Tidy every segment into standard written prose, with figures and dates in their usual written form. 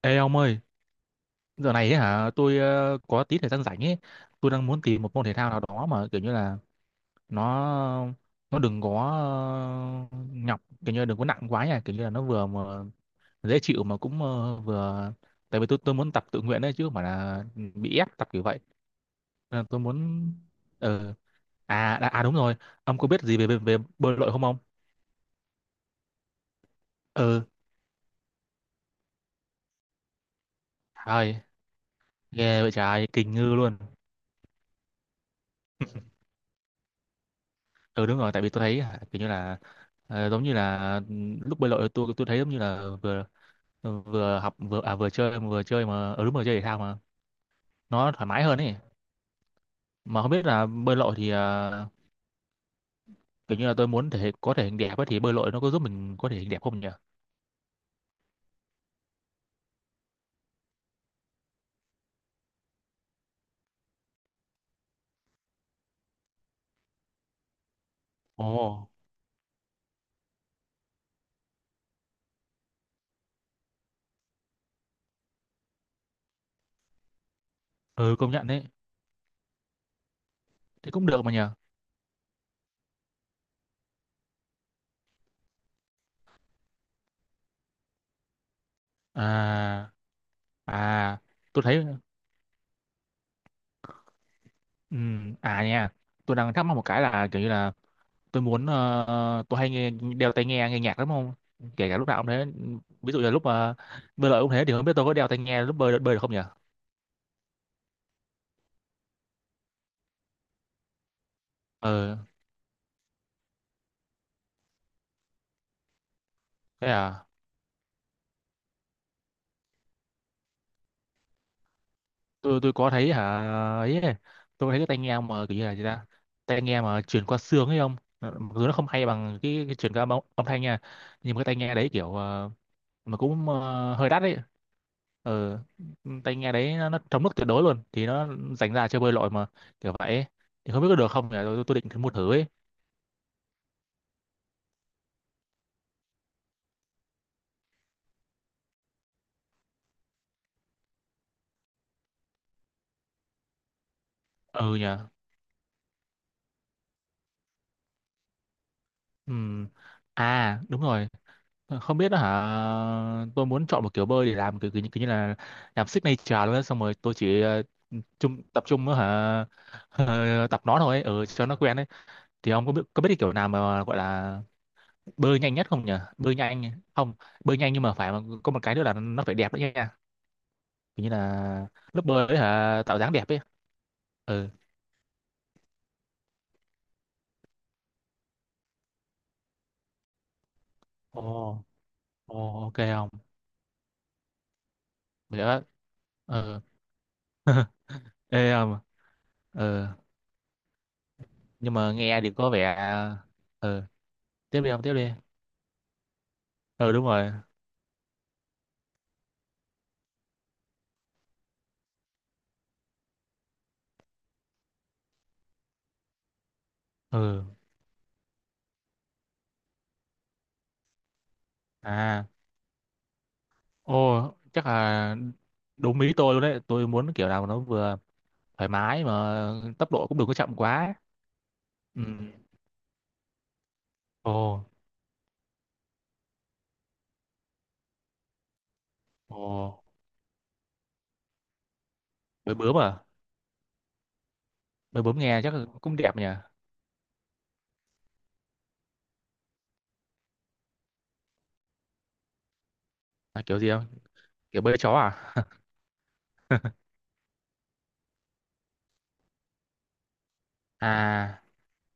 Ê ông ơi, giờ này ấy hả? Tôi có tí thời gian rảnh ấy. Tôi đang muốn tìm một môn thể thao nào đó mà kiểu như là nó nó đừng có ờ, nhọc, kiểu như là đừng có nặng quá nha, kiểu như là nó vừa mà dễ chịu mà cũng vừa. Tại vì tôi muốn tập tự nguyện đấy chứ không phải là bị ép tập kiểu vậy. Nên là tôi muốn. ờ À, đúng rồi, ông có biết gì về về, về bơi lội không ông? Ừ. Trời, ghê vậy trời, kinh ngư luôn. Ừ đúng rồi, tại vì tôi thấy hả, kiểu như là giống như là lúc bơi lội tôi thấy giống như là vừa vừa học vừa vừa chơi mà ở đúng rồi, chơi thể thao mà nó thoải mái hơn ấy. Mà không biết là bơi lội thì kiểu như là tôi muốn có thể hình đẹp ấy, thì bơi lội nó có giúp mình có thể hình đẹp không nhỉ? Ồ. Ừ, công nhận đấy. Thế cũng được mà nhờ. À à tôi thấy. À nha. Tôi đang thắc mắc một cái là kiểu như là tôi muốn. Ờ, tôi hay nghe đeo tai nghe nghe nhạc lắm không, kể cả lúc nào cũng thế. Ví dụ là lúc mà bơi lội cũng thế, thì không biết tôi có đeo tai nghe lúc bơi bơi được không nhỉ? ờ Thế à. Tôi có thấy hả, ấy, tôi thấy cái tai nghe mà kiểu như là gì ta, tai nghe mà truyền qua xương ấy không. Ờ, Mặc dù nó không hay bằng cái truyền qua âm thanh nha, nhưng mà cái tai nghe đấy kiểu mà cũng hơi đắt đấy. ờ Tai nghe đấy nó chống nước tuyệt đối luôn thì nó dành ra cho bơi lội mà kiểu vậy ấy. Thì không biết có được không nhỉ, tôi định thử mua thử ấy. Ừ nhỉ. Ừm, À đúng rồi. Không biết đó hả. Tôi muốn chọn một kiểu bơi để làm kiểu, kiểu như là làm signature luôn á. Xong rồi tôi chỉ tập trung đó, hả, tập nó thôi ấy, cho nó quen ấy. Thì ông có biết cái kiểu nào mà gọi là bơi nhanh nhất không nhỉ? Bơi nhanh? Không. Bơi nhanh nhưng mà phải mà, có một cái nữa là nó phải đẹp đấy nha, kiểu như là lớp bơi ấy, hả, tạo dáng đẹp ấy. Ừ. Ồ. Ồ, ok không? Vậy đó. Ừ. Ê, không. Ừ, nhưng mà nghe thì có vẻ, ừ, tiếp đi không, tiếp đi. Ừ đúng rồi. Ừ. À. Ô, chắc là đúng ý tôi luôn đấy, tôi muốn kiểu nào mà nó vừa thoải mái mà tốc độ cũng đừng có chậm quá. Ừ. Ồ. Ồ. Bơi bướm à? Bơi bướm nghe chắc là cũng đẹp nhỉ. À, kiểu gì không? Kiểu bơi chó à? À,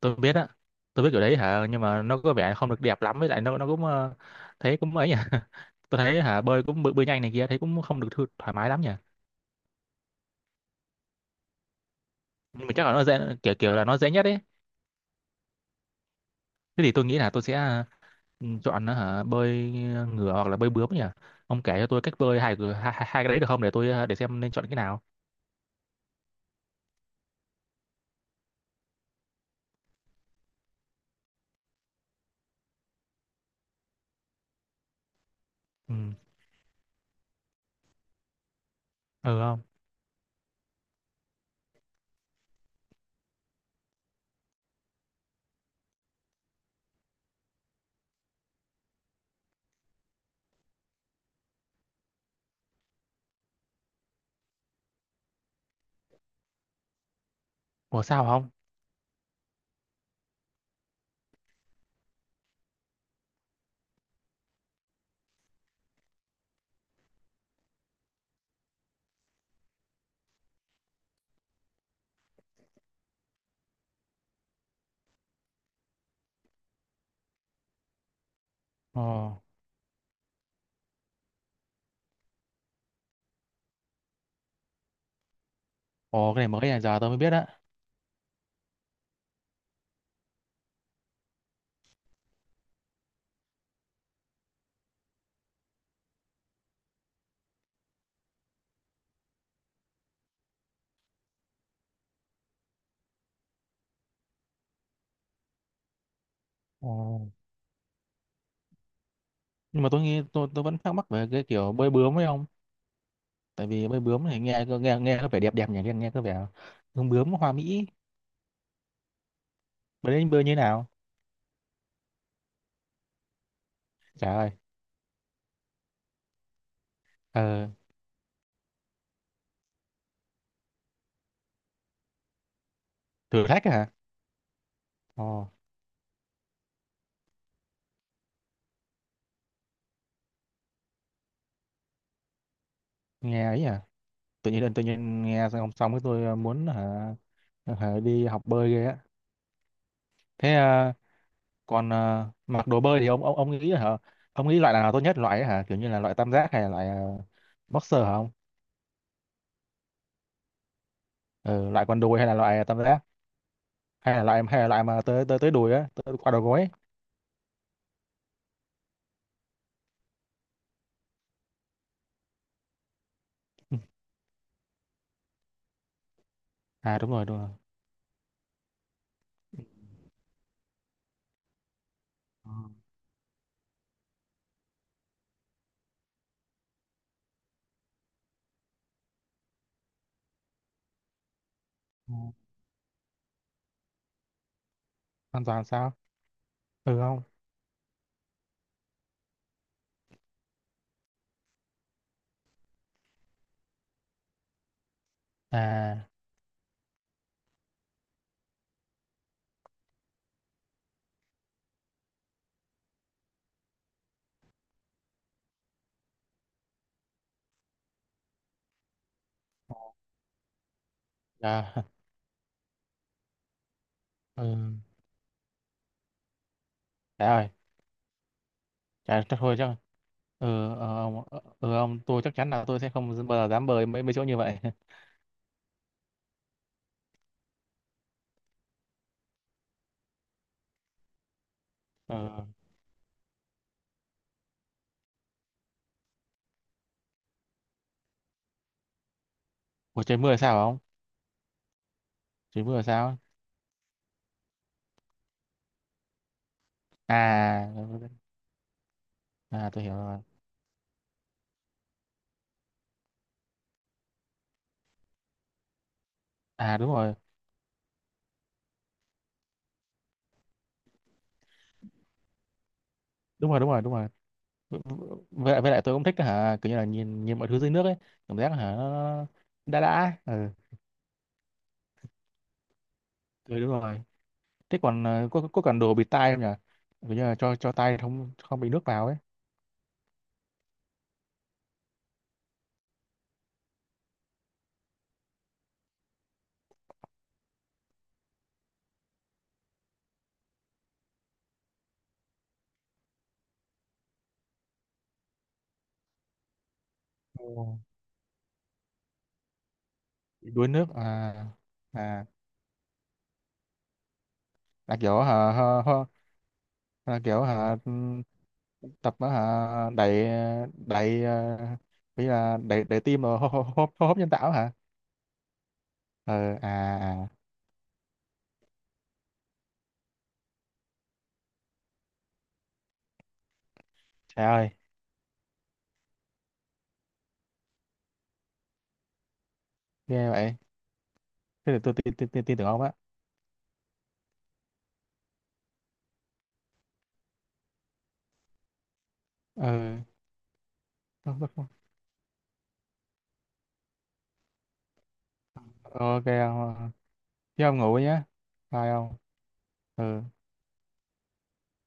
tôi biết á, tôi biết kiểu đấy hả, nhưng mà nó có vẻ không được đẹp lắm, với lại nó cũng thấy cũng ấy nhỉ. Tôi thấy hả, bơi cũng bơi, bơi nhanh này kia thấy cũng không được thoải mái lắm nhỉ. Nhưng mà chắc là nó dễ, kiểu kiểu là nó dễ nhất ấy. Thế thì tôi nghĩ là tôi sẽ chọn hả, bơi ngửa hoặc là bơi bướm nhỉ. Ông kể cho tôi cách bơi hai, hai hai hai cái đấy được không để tôi để xem nên chọn cái nào. Ừ. Ừ không. Ủa sao không. Ồ. Ồ, cái này mới này, giờ tôi mới biết á. Ồ. Nhưng mà tôi nghĩ tôi vẫn thắc mắc về cái kiểu bơi bướm ấy không, tại vì bơi bướm này nghe nghe nghe có vẻ đẹp đẹp nhỉ, nghe nghe có vẻ bướm bướm hoa mỹ, bơi như thế nào. Trời ơi. ờ Thử thách hả. Ồ nghe ấy nhỉ. Tự nhiên tự nhiên nghe xong hôm xong cái tôi muốn hả, đi học bơi ghê á. Thế à. Còn à, mặc đồ bơi thì ông nghĩ hả, ông nghĩ loại nào tốt nhất loại ấy hả, kiểu như là loại tam giác hay là loại boxer hả ông? Ừ, loại quần đùi hay là loại tam giác, hay là loại mà tới tới tới đùi á, tới qua đầu gối ấy. Ừ. À đúng rồi, đúng rồi. Ừ. Ừ. An toàn sao? Ừ. Không. À. Dạ. Ừ. Trời ơi. Trời, chắc thôi chắc. Ừ, ông, ừ, ông, tôi chắc chắn là tôi sẽ không bao giờ dám bơi mấy mấy chỗ như vậy. Ờ. Ủa trời mưa là sao không? Trời mưa là sao? À, à, tôi hiểu rồi. À đúng rồi, đúng rồi, đúng rồi, đúng rồi. Với lại, tôi cũng thích hả, kiểu như là nhìn nhìn mọi thứ dưới nước ấy, cảm giác hả nó đã đã. Ừ, tôi đúng rồi. Thế còn có cần đồ bịt tai không nhỉ? Kiểu như là cho tay không không bị nước vào ấy. Ồ. Bị đuối nước à? À là kiểu hả, hả, hả là kiểu hả, tập á hả, đẩy đẩy ờ, bây là đẩy đẩy tim rồi hô hô hô hô hấp nhân tạo hả? Ờ à à. Trời ơi. Ghê vậy. Thế thì tôi tin tin tin tin tưởng ông á. Ừ. Không, không, không. Ok ông. Chứ ông ngủ nhé. Bye ông. Ừ.